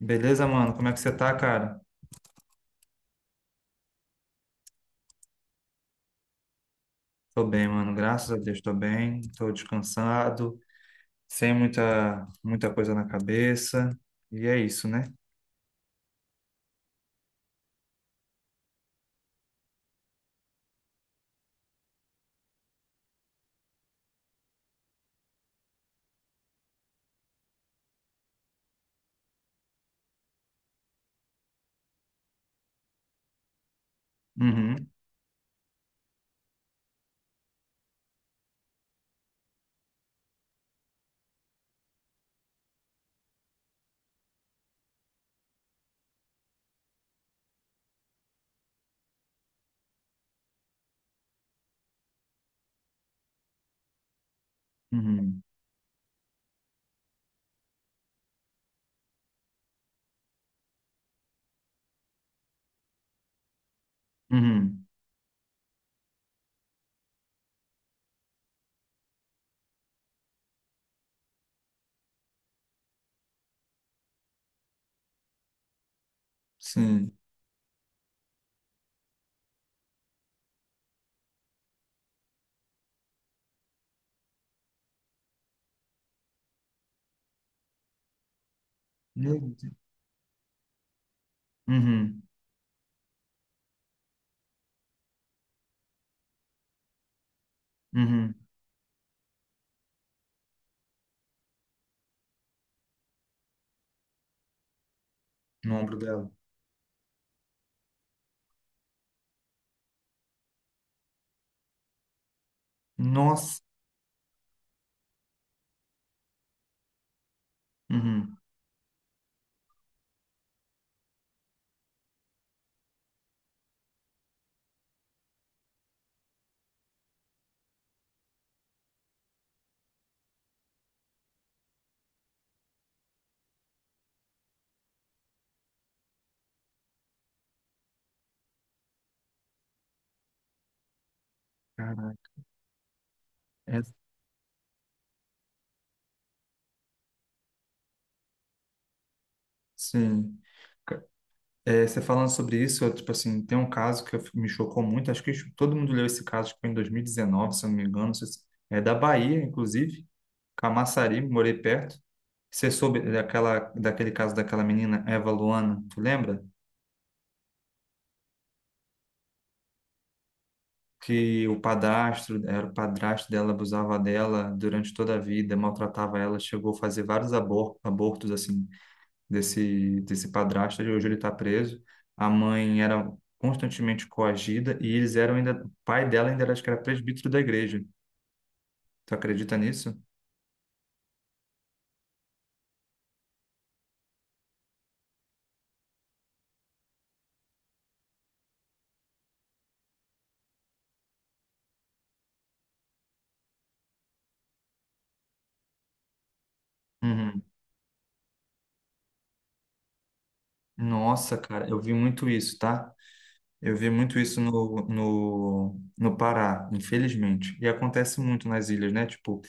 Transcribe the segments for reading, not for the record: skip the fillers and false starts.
Beleza, mano? Como é que você tá, cara? Tô bem, mano. Graças a Deus, tô bem. Tô descansado, sem muita, muita coisa na cabeça. E é isso, né? Uhum, uhum, uhum. Sim. Meu Deus. Uhum, uhum. No ombro dela. Nossa. Uhum. Caraca. É, sim. Ca- É, você falando sobre isso, eu, tipo assim, tem um caso que me chocou muito. Acho que todo mundo leu esse caso, acho que foi em 2019, se eu não me engano. Não sei se- É da Bahia, inclusive Camaçari, morei perto. Você soube daquela, daquele caso daquela menina, Eva Luana, tu lembra? Que o padrasto, era o padrasto dela, abusava dela durante toda a vida, maltratava ela, chegou a fazer vários abortos, assim, desse padrasto, e hoje ele está preso. A mãe era constantemente coagida e eles eram ainda, o pai dela ainda era, acho que era presbítero da igreja. Tu acredita nisso? Uhum. Nossa, cara, eu vi muito isso, tá? Eu vi muito isso no Pará, infelizmente. E acontece muito nas ilhas, né? Tipo,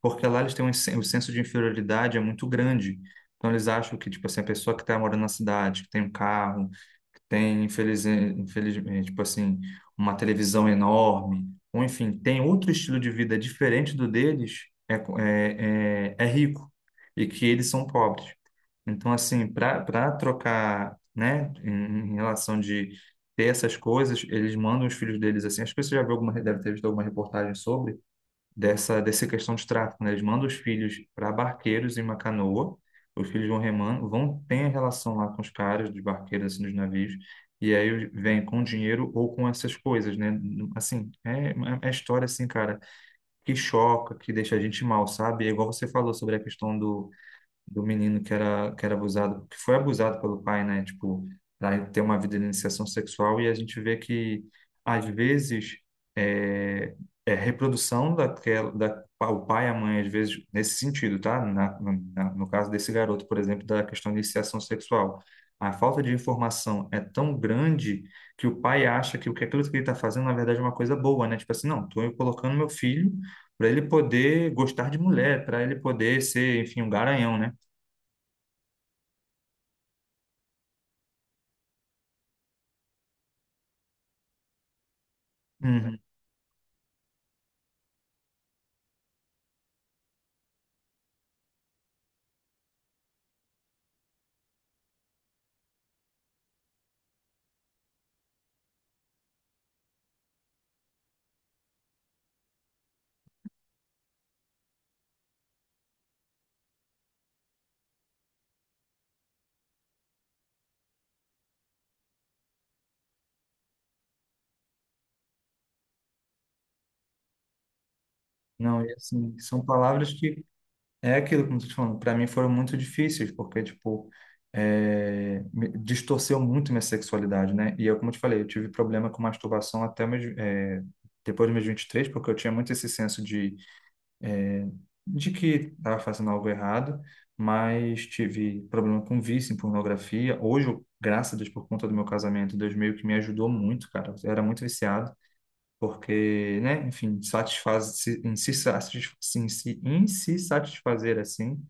porque lá eles têm o senso de inferioridade é muito grande. Então eles acham que, tipo assim, a pessoa que está morando na cidade, que tem um carro, que tem, infelizmente, tipo assim, uma televisão enorme, ou enfim, tem outro estilo de vida diferente do deles, é rico. E que eles são pobres. Então, assim, para trocar, né, em relação de ter essas coisas, eles mandam os filhos deles assim. Acho que você já viu alguma, deve ter visto alguma reportagem sobre dessa questão de tráfico, né? Eles mandam os filhos para barqueiros em uma canoa, os filhos vão remando, vão ter a relação lá com os caras dos barqueiros, assim, dos navios, e aí vem com dinheiro ou com essas coisas, né? Assim, é história, assim, cara, que choca, que deixa a gente mal, sabe? É igual você falou sobre a questão do menino que era abusado, que foi abusado pelo pai, né? Tipo, para ter uma vida de iniciação sexual, e a gente vê que, às vezes, é, é reprodução daquela, da, o pai e a mãe, às vezes, nesse sentido, tá? No caso desse garoto, por exemplo, da questão de iniciação sexual. A falta de informação é tão grande que o pai acha que o que aquilo que ele está fazendo, na verdade, é uma coisa boa, né? Tipo assim, não, estou colocando meu filho para ele poder gostar de mulher, para ele poder ser, enfim, um garanhão, né? Uhum. Não, e assim, são palavras que é aquilo, como você está falando, para mim foram muito difíceis, porque, tipo, distorceu muito minha sexualidade, né? E eu, como eu te falei, eu tive problema com masturbação até meus, depois dos meus 23 porque eu tinha muito esse senso de que estava fazendo algo errado, mas tive problema com vício em pornografia. Hoje, eu, graças a Deus, por conta do meu casamento, Deus meio que me ajudou muito, cara. Eu era muito viciado. Porque, né, enfim, satisfaz se- em se, satis- em se satisfazer assim,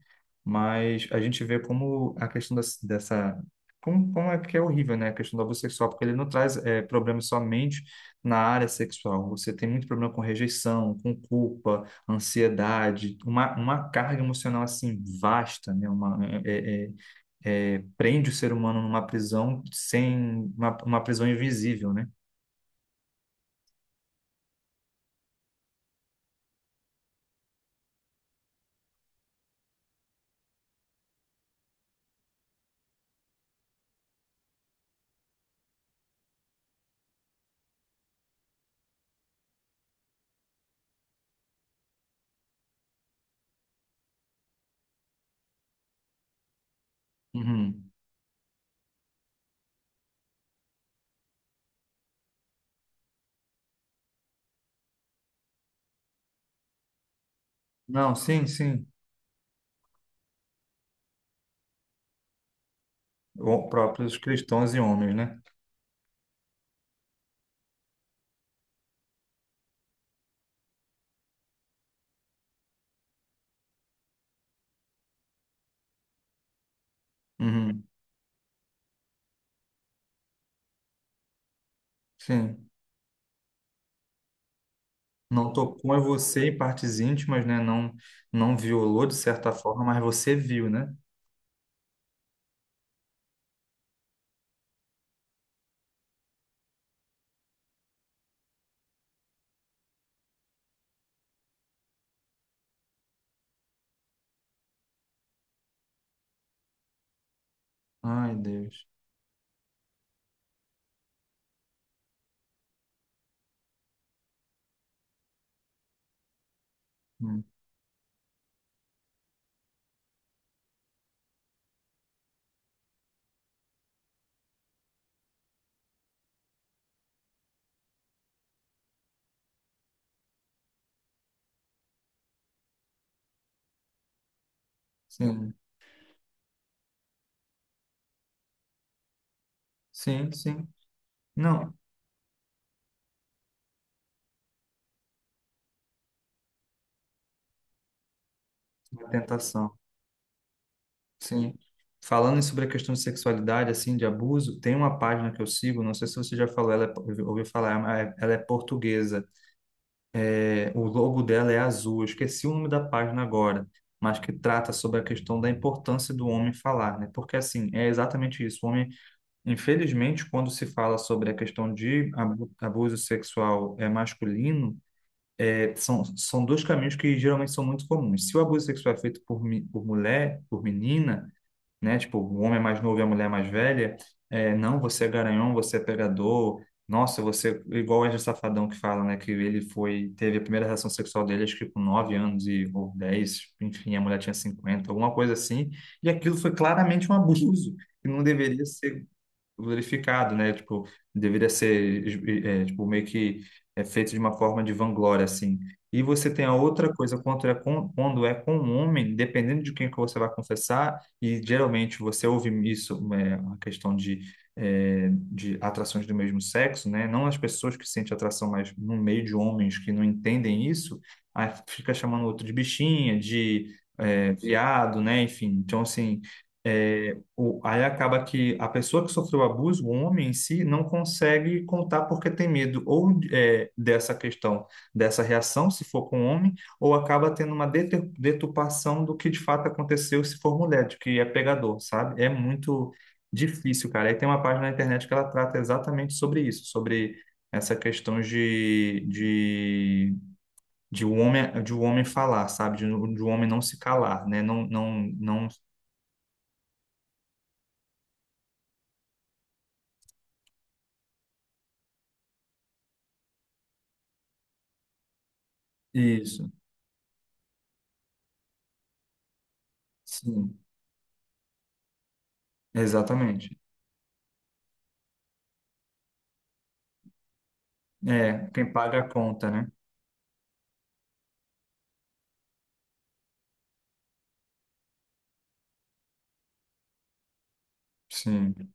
mas a gente vê como a questão dessa, como é que é horrível, né, a questão do abuso sexual, porque ele não traz problemas somente na área sexual, você tem muito problema com rejeição, com culpa, ansiedade, uma carga emocional assim vasta, né, uma, é, é, é, é, prende o ser humano numa prisão sem, uma prisão invisível, né? Uhum. Não, sim, sim. Próprios cristãos e homens, né? Uhum, sim. Não tocou em você em partes íntimas, né? Não, não violou de certa forma, mas você viu, né? Ai, Deus. Hum, Sim, sim, sim. Não, uma tentação. Sim. Falando sobre a questão de sexualidade, assim, de abuso, tem uma página que eu sigo, não sei se você já falou, ela é, ouviu falar, ela é portuguesa. O logo dela é azul, eu esqueci o nome da página agora, mas que trata sobre a questão da importância do homem falar, né? Porque assim, é exatamente isso. O homem, infelizmente, quando se fala sobre a questão de abuso sexual é masculino, são dois caminhos que geralmente são muito comuns. Se o abuso sexual é feito por mulher, por menina, né? Tipo, o homem é mais novo e a mulher é mais velha. É, não, você é garanhão, você é pegador. Nossa, você. Igual o Wesley Safadão que fala, né? Que ele foi. Teve a primeira relação sexual dele, acho que com 9 anos e, ou 10. Enfim, a mulher tinha 50 alguma coisa assim. E aquilo foi claramente um abuso. Que não deveria ser glorificado, né? Tipo, deveria ser, tipo, meio que é feito de uma forma de vanglória, assim. E você tem a outra coisa, quando é com um homem, dependendo de quem que você vai confessar, e geralmente você ouve isso, uma questão de atrações do mesmo sexo, né? Não as pessoas que sentem atração, mas no meio de homens que não entendem isso, aí fica chamando o outro de bichinha, viado, né? Enfim, então, assim, é, aí acaba que a pessoa que sofreu abuso, o homem em si, não consegue contar porque tem medo ou dessa questão, dessa reação, se for com homem, ou acaba tendo uma deturpação do que de fato aconteceu se for mulher, de que é pegador, sabe? É muito difícil, cara. Aí tem uma página na internet que ela trata exatamente sobre isso, sobre essa questão de o homem falar, sabe? De o homem não se calar, né? Não, não, não. Isso, sim. Exatamente. É, quem paga a conta, né? Sim.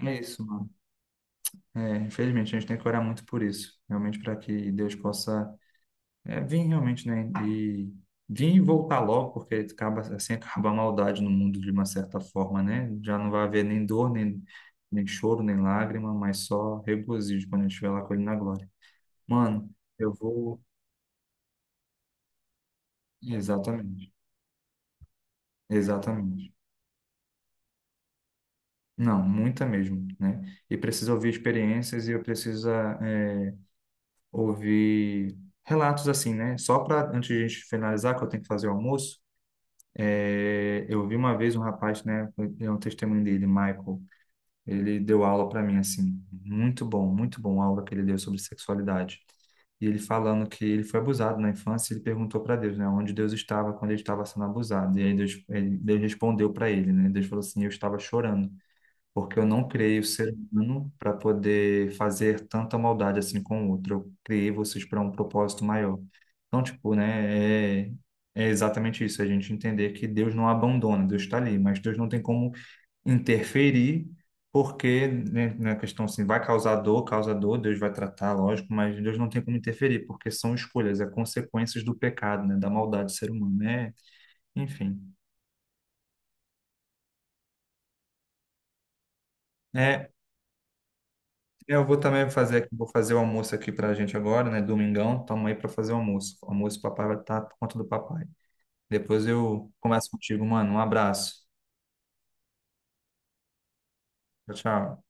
É isso, mano. É, infelizmente, a gente tem que orar muito por isso. Realmente, para que Deus possa vir realmente, né? E vir e voltar logo, porque acaba, assim acaba a maldade no mundo de uma certa forma, né? Já não vai haver nem dor, nem choro, nem lágrima, mas só regozijo quando a gente estiver lá com ele na glória. Mano, eu vou. Exatamente. Exatamente. Não, muita mesmo, né? E precisa ouvir experiências e eu preciso ouvir relatos assim, né? Só para, antes de a gente finalizar, que eu tenho que fazer o almoço, eu vi uma vez um rapaz, né? É um testemunho dele, Michael. Ele deu aula para mim, assim, muito bom a aula que ele deu sobre sexualidade. E ele falando que ele foi abusado na infância, ele perguntou para Deus, né, onde Deus estava quando ele estava sendo abusado. E aí Deus, Deus respondeu para ele, né? Deus falou assim: Eu estava chorando porque eu não criei o ser humano para poder fazer tanta maldade assim com o outro. Eu criei vocês para um propósito maior. Então, tipo, né, é exatamente isso, a gente entender que Deus não abandona, Deus está ali, mas Deus não tem como interferir, porque, né, na questão assim, vai causar dor, causa dor, Deus vai tratar, lógico, mas Deus não tem como interferir, porque são escolhas, é consequências do pecado, né, da maldade do ser humano, né? Enfim. É, Eu vou também fazer aqui, vou fazer o almoço aqui pra gente agora, né? Domingão, estamos aí pra fazer o almoço. O almoço, o papai vai estar por conta do papai. Depois eu converso contigo, mano. Um abraço. Tchau, tchau.